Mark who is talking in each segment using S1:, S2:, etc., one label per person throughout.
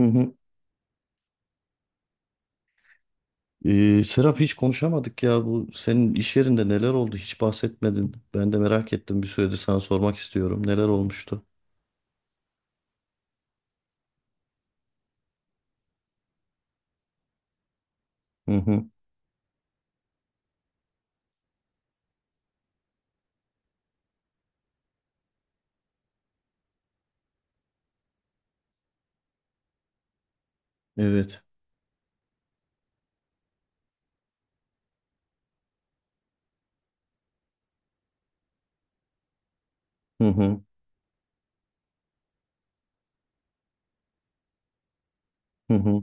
S1: Hı hı. Serap hiç konuşamadık ya bu senin iş yerinde neler oldu hiç bahsetmedin. Ben de merak ettim bir süredir sana sormak istiyorum. Neler olmuştu? Hı hı. Evet. Hı hı. Hı hı.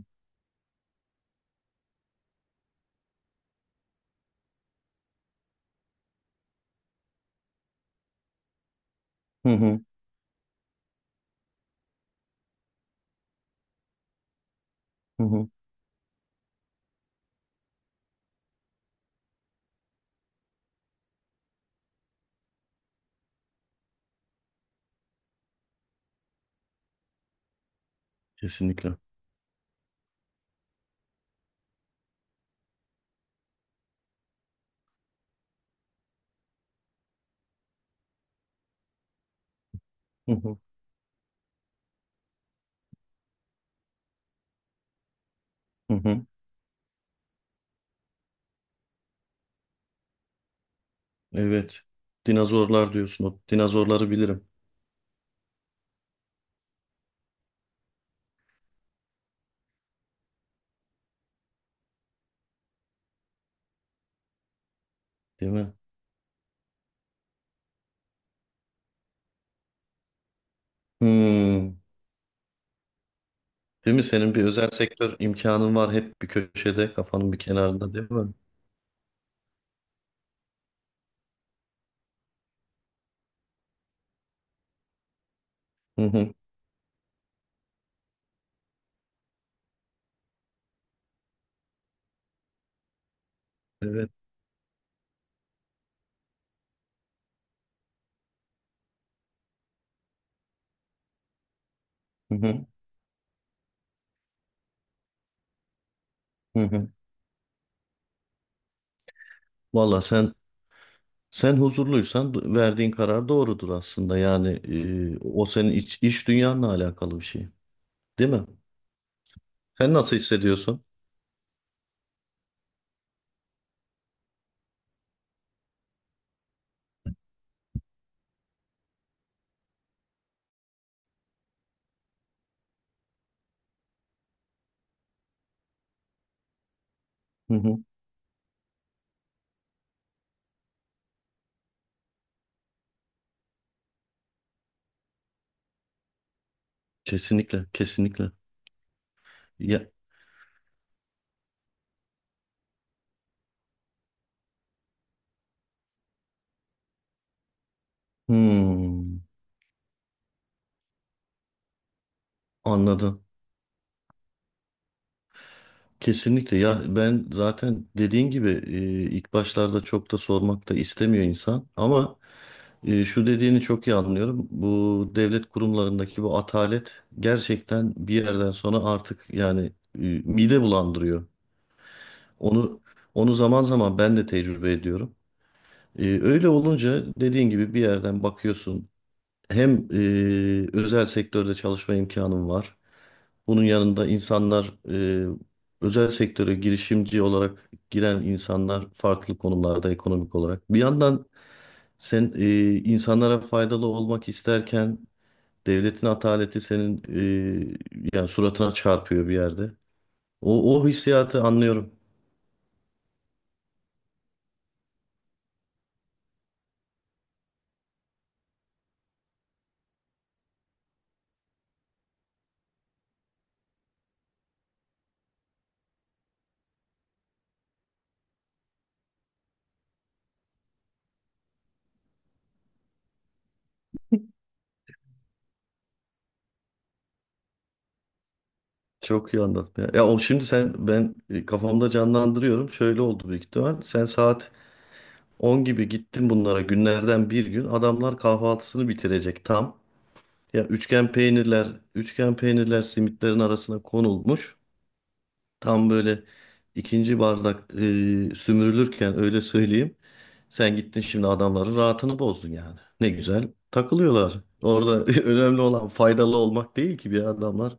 S1: Hı hı. Hı hı. Kesinlikle. Hı hı. Hı hı. Evet. Dinozorlar diyorsun. O dinozorları bilirim. Değil mi? Hmm. Değil mi? Senin bir özel sektör imkanın var hep bir köşede, kafanın bir kenarında değil mi? Hı hı. Evet. Hı hı. Hı hı. Valla Sen huzurluysan verdiğin karar doğrudur aslında. Yani o senin iç dünyanla alakalı bir şey. Değil mi? Sen nasıl hissediyorsun? Hı hı. Kesinlikle, kesinlikle. Ya, Hmm, anladım. Kesinlikle. Ya ben zaten dediğin gibi ilk başlarda çok da sormak da istemiyor insan. Ama şu dediğini çok iyi anlıyorum. Bu devlet kurumlarındaki bu atalet gerçekten bir yerden sonra artık yani mide bulandırıyor. Onu onu zaman zaman ben de tecrübe ediyorum. Öyle olunca dediğin gibi bir yerden bakıyorsun. Hem özel sektörde çalışma imkanım var. Bunun yanında insanlar e, özel sektöre girişimci olarak giren insanlar farklı konumlarda ekonomik olarak. Bir yandan sen insanlara faydalı olmak isterken devletin ataleti senin yani suratına çarpıyor bir yerde. O hissiyatı anlıyorum. Çok iyi anlattın ya. Ya o şimdi sen ben kafamda canlandırıyorum. Şöyle oldu büyük ihtimal. Sen saat 10 gibi gittin bunlara günlerden bir gün. Adamlar kahvaltısını bitirecek tam. Ya üçgen peynirler, üçgen peynirler simitlerin arasına konulmuş. Tam böyle ikinci bardak sümürülürken öyle söyleyeyim. Sen gittin şimdi adamların rahatını bozdun yani. Ne güzel takılıyorlar. Orada önemli olan faydalı olmak değil ki bir adamlar.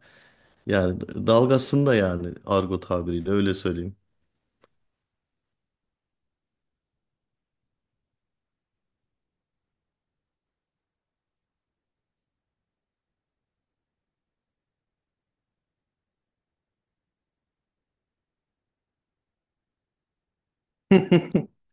S1: Yani dalgasında yani argo tabiriyle öyle söyleyeyim.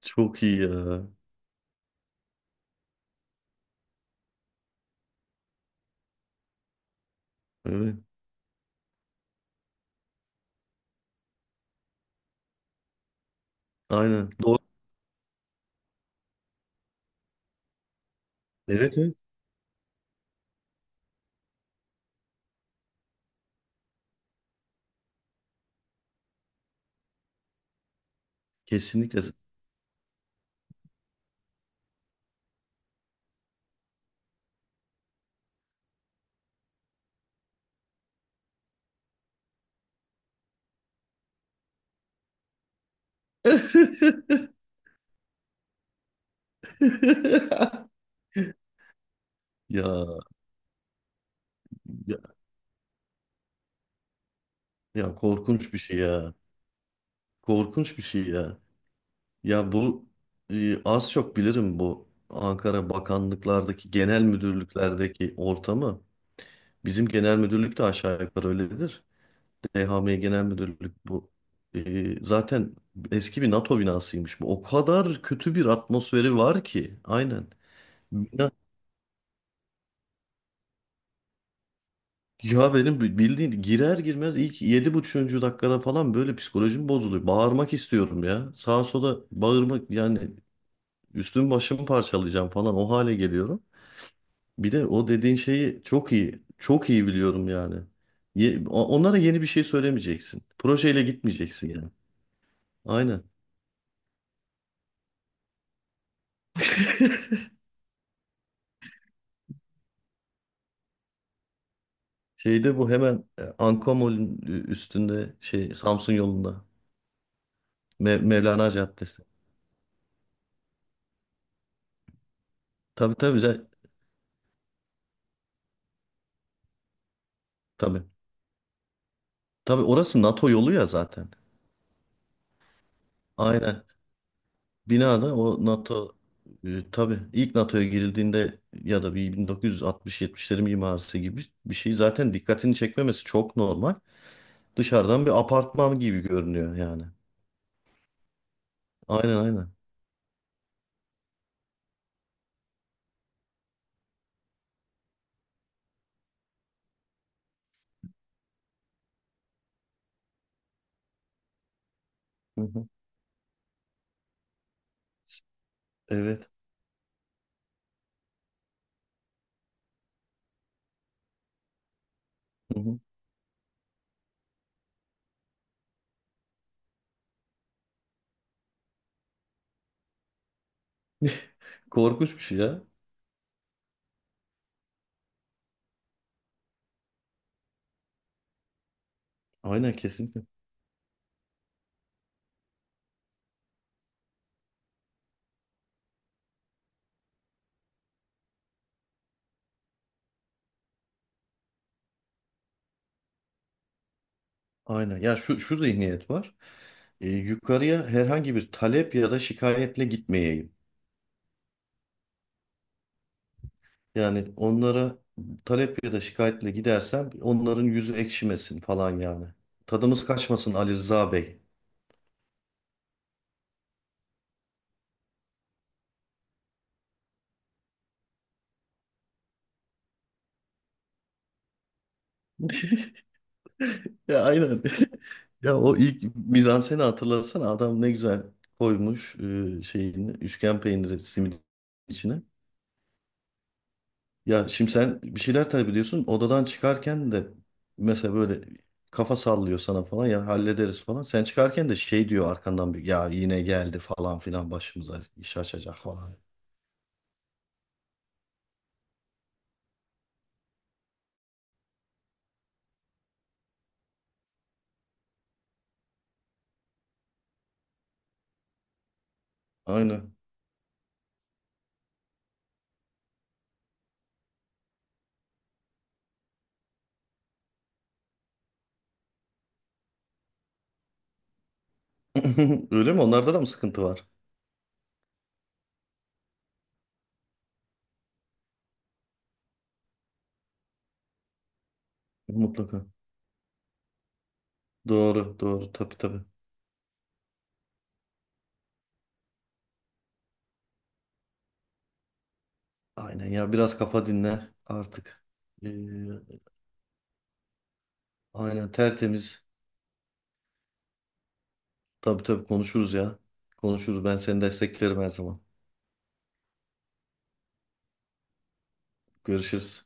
S1: Çok iyi ya. Evet. Aynen. Doğru. Evet, evet. Kesinlikle. Ya, ya ya, korkunç bir şey ya. Korkunç bir şey ya. Ya bu az çok bilirim bu Ankara bakanlıklardaki genel müdürlüklerdeki ortamı. Bizim genel müdürlük de aşağı yukarı öyledir. EHM Genel Müdürlük bu. Zaten eski bir NATO binasıymış bu. O kadar kötü bir atmosferi var ki. Aynen. Bina, ya benim bildiğin girer girmez ilk 7,5. Dakikada falan böyle psikolojim bozuluyor. Bağırmak istiyorum ya. Sağa sola bağırmak yani üstümü başımı parçalayacağım falan o hale geliyorum. Bir de o dediğin şeyi çok iyi, çok iyi biliyorum yani. Onlara yeni bir şey söylemeyeceksin. Projeyle gitmeyeceksin yani. Aynen. Şeyde bu hemen üstünde şey Samsun yolunda. Mevlana Caddesi. Tabii tabii tabii. Tabii orası NATO yolu ya zaten. Aynen. Binada o NATO tabii ilk NATO'ya girildiğinde ya da bir 1960-70'lerin mimarisi gibi bir şey zaten dikkatini çekmemesi çok normal. Dışarıdan bir apartman gibi görünüyor yani. Aynen aynen. Hı hı. Evet. Hı hı. Korkunç bir şey ya. Aynen kesinlikle. Aynen. Ya şu zihniyet var. Yukarıya herhangi bir talep ya da şikayetle gitmeyeyim. Yani onlara talep ya da şikayetle gidersem onların yüzü ekşimesin falan yani. Tadımız kaçmasın Ali Rıza Bey. Ya aynen. Ya o ilk mizanseni hatırlasana adam ne güzel koymuş şeyini üçgen peyniri simidin içine. Ya şimdi sen bir şeyler tabii biliyorsun. Odadan çıkarken de mesela böyle kafa sallıyor sana falan ya hallederiz falan. Sen çıkarken de şey diyor arkandan bir ya yine geldi falan filan başımıza iş açacak falan. Aynen. Öyle mi? Onlarda da mı sıkıntı var? Mutlaka. Doğru, doğru. Tabii tabii. Aynen ya biraz kafa dinle artık. Ee, aynen tertemiz. Tabii tabii konuşuruz ya. Konuşuruz. Ben seni desteklerim her zaman. Görüşürüz.